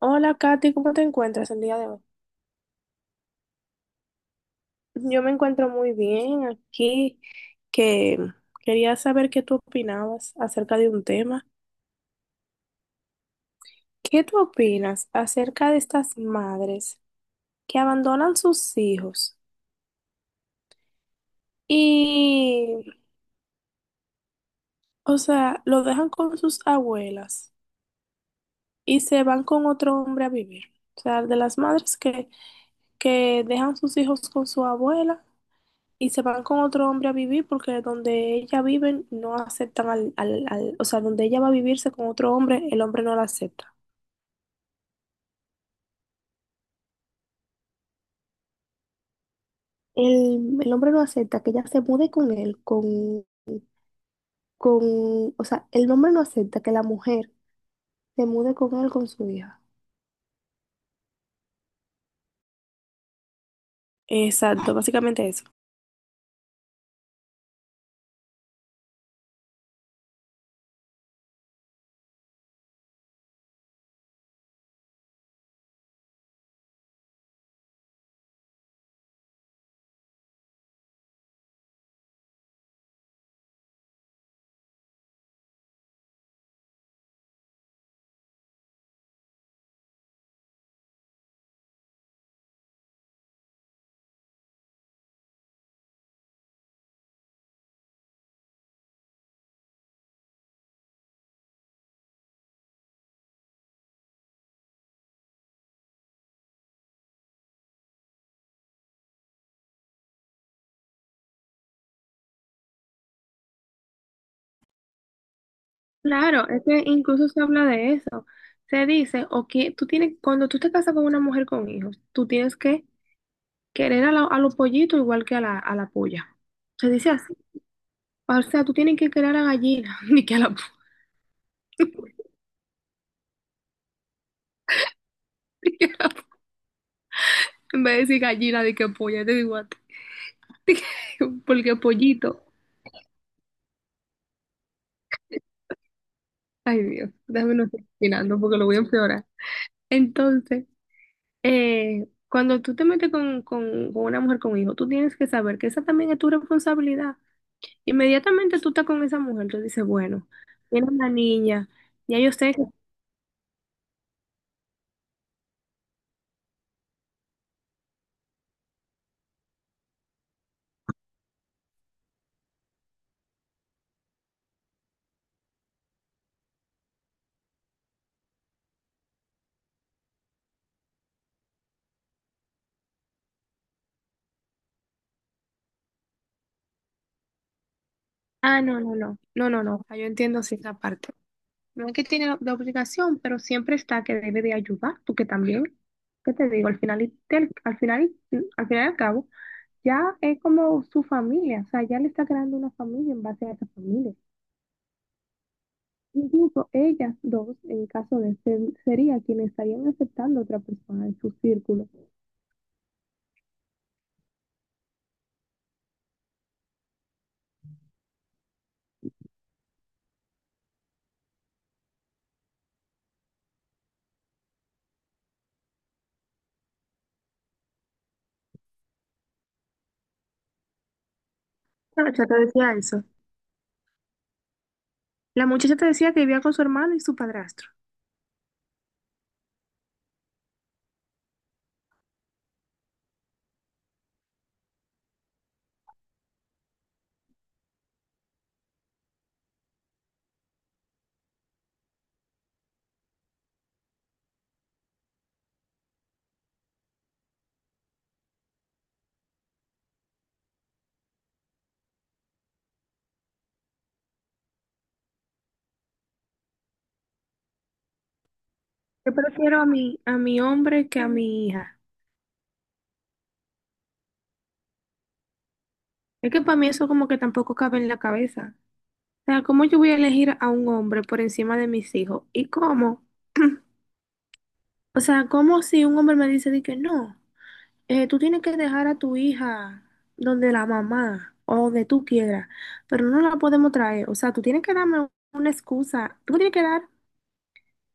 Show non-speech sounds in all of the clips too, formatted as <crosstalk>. Hola, Katy, ¿cómo te encuentras el día de hoy? Yo me encuentro muy bien aquí, que quería saber qué tú opinabas acerca de un tema. ¿Qué tú opinas acerca de estas madres que abandonan sus hijos y, o sea, lo dejan con sus abuelas y se van con otro hombre a vivir? O sea, de las madres que dejan sus hijos con su abuela y se van con otro hombre a vivir porque donde ella vive no aceptan o sea, donde ella va a vivirse con otro hombre, el hombre no la acepta. El hombre no acepta que ella se mude con él, o sea, el hombre no acepta que la mujer se mude con él, con su hija. Exacto, básicamente eso. Claro, es que incluso se habla de eso. Se dice, o que tú tienes, cuando tú te casas con una mujer con hijos, tú tienes que querer a, a los pollitos igual que a la puya. Se dice así. O sea, tú tienes que crear a gallina, <laughs> ni que a la polla. En vez de decir gallina, de que polla, te digo a ti, <laughs> porque pollito. Ay, Dios, déjame no estar opinando porque lo voy a empeorar. Entonces, cuando tú te metes con, una mujer con hijo, tú tienes que saber que esa también es tu responsabilidad. Inmediatamente tú estás con esa mujer, tú dices, bueno, tiene una niña, ya yo sé que... Ah, no, ah, yo entiendo, sí, esa parte. No es que tiene la obligación, pero siempre está que debe de ayudar, porque también, ¿qué te digo? Al final, y al final, al final y al cabo, ya es como su familia, o sea, ya le está creando una familia en base a esa familia. Incluso ellas dos, en caso de ser, sería quienes estarían aceptando a otra persona en su círculo. ¿La muchacha te decía eso? La muchacha te decía que vivía con su hermano y su padrastro. Yo prefiero a mi hombre que a mi hija. Es que para mí eso como que tampoco cabe en la cabeza. O sea, ¿cómo yo voy a elegir a un hombre por encima de mis hijos? ¿Y cómo? O sea, ¿cómo si un hombre me dice de que no, tú tienes que dejar a tu hija donde la mamá o donde tú quieras, pero no la podemos traer? O sea, tú tienes que darme una excusa, tú me tienes que dar,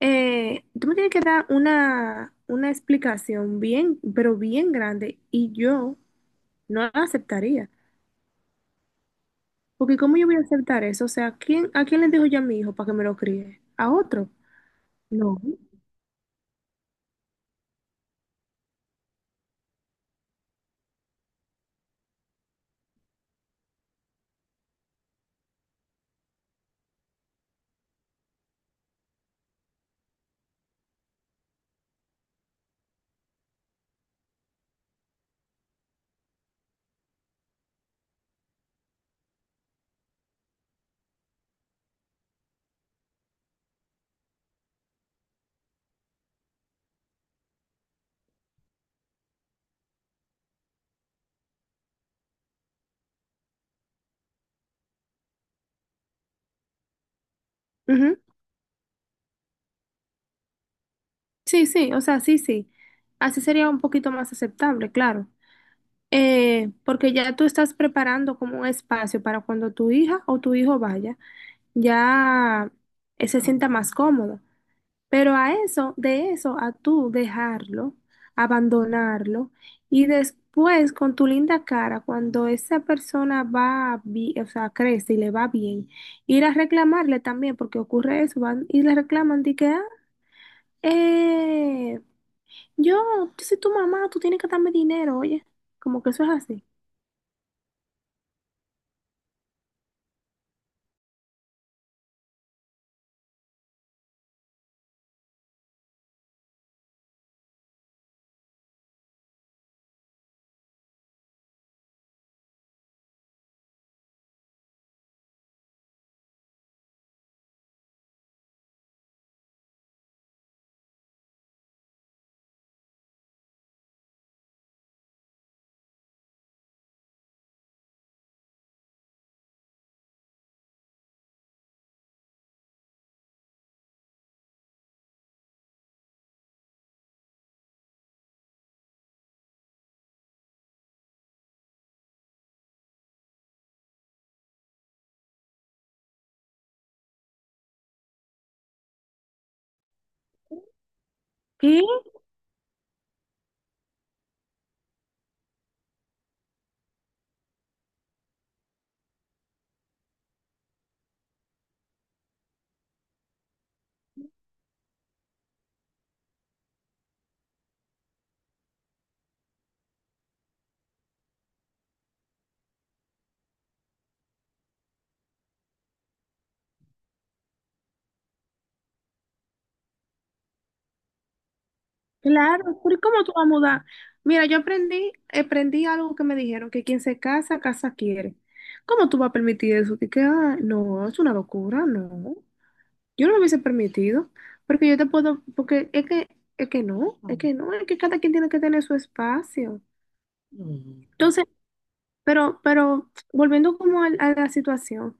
tú me tienes que dar una explicación bien, pero bien grande y yo no la aceptaría. Porque ¿cómo yo voy a aceptar eso? O sea, ¿quién, a quién le dejo yo a mi hijo para que me lo críe? ¿A otro? No. Ujú. Sí, sí, o sea, sí, sí. Así sería un poquito más aceptable, claro. Porque ya tú estás preparando como un espacio para cuando tu hija o tu hijo vaya, ya se sienta más cómodo. Pero a eso, de eso, a tú dejarlo, abandonarlo y después con tu linda cara, cuando esa persona va, o sea, crece y le va bien, ir a reclamarle también, porque ocurre eso, van y le reclaman de que, ah, eh, yo, yo soy tu mamá, tú tienes que darme dinero, oye. Como que eso es así. ¿Qué? Claro, pero ¿y cómo tú vas a mudar? Mira, yo aprendí algo que me dijeron, que quien se casa, casa quiere. ¿Cómo tú vas a permitir eso? No, es una locura, no. Yo no lo hubiese permitido, porque yo te puedo, porque es que no, es que no, es que cada quien tiene que tener su espacio. Entonces, pero volviendo como a la situación,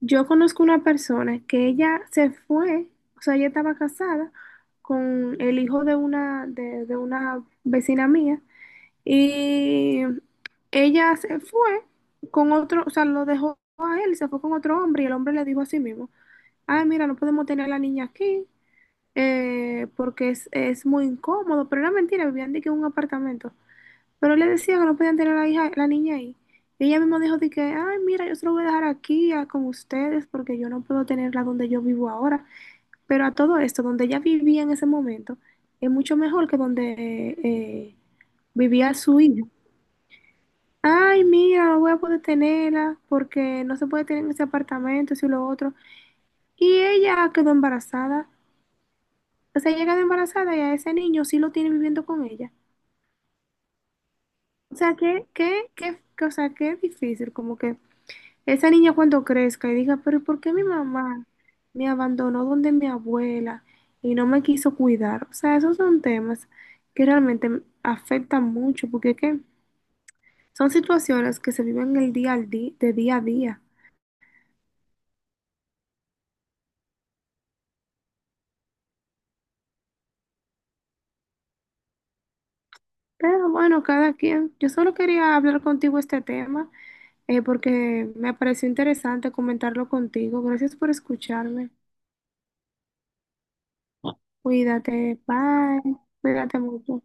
yo conozco una persona que ella se fue, o sea, ella estaba casada con el hijo de una, de una vecina mía y ella se fue con otro, o sea, lo dejó a él, se fue con otro hombre y el hombre le dijo a sí mismo, ay, mira, no podemos tener a la niña aquí porque es muy incómodo, pero era mentira, vivían de que en un apartamento. Pero le decía que no podían tener a la hija, la niña ahí. Y ella misma dijo de que, ay, mira, yo se lo voy a dejar aquí con ustedes porque yo no puedo tenerla donde yo vivo ahora. Pero a todo esto, donde ella vivía en ese momento, es mucho mejor que donde eh, vivía su hija. Ay, mira, no voy a poder tenerla porque no se puede tener en ese apartamento, eso y lo otro. Y ella quedó embarazada. O sea, ella quedó embarazada y a ese niño sí lo tiene viviendo con ella. O sea, o sea, que es difícil, como que esa niña cuando crezca y diga, pero ¿y ¿por qué mi mamá me abandonó donde mi abuela y no me quiso cuidar? O sea, esos son temas que realmente afectan mucho porque qué son situaciones que se viven el día al día, de día a día. Pero bueno, cada quien. Yo solo quería hablar contigo este tema porque me pareció interesante comentarlo contigo. Gracias por escucharme. Cuídate, bye. Cuídate mucho.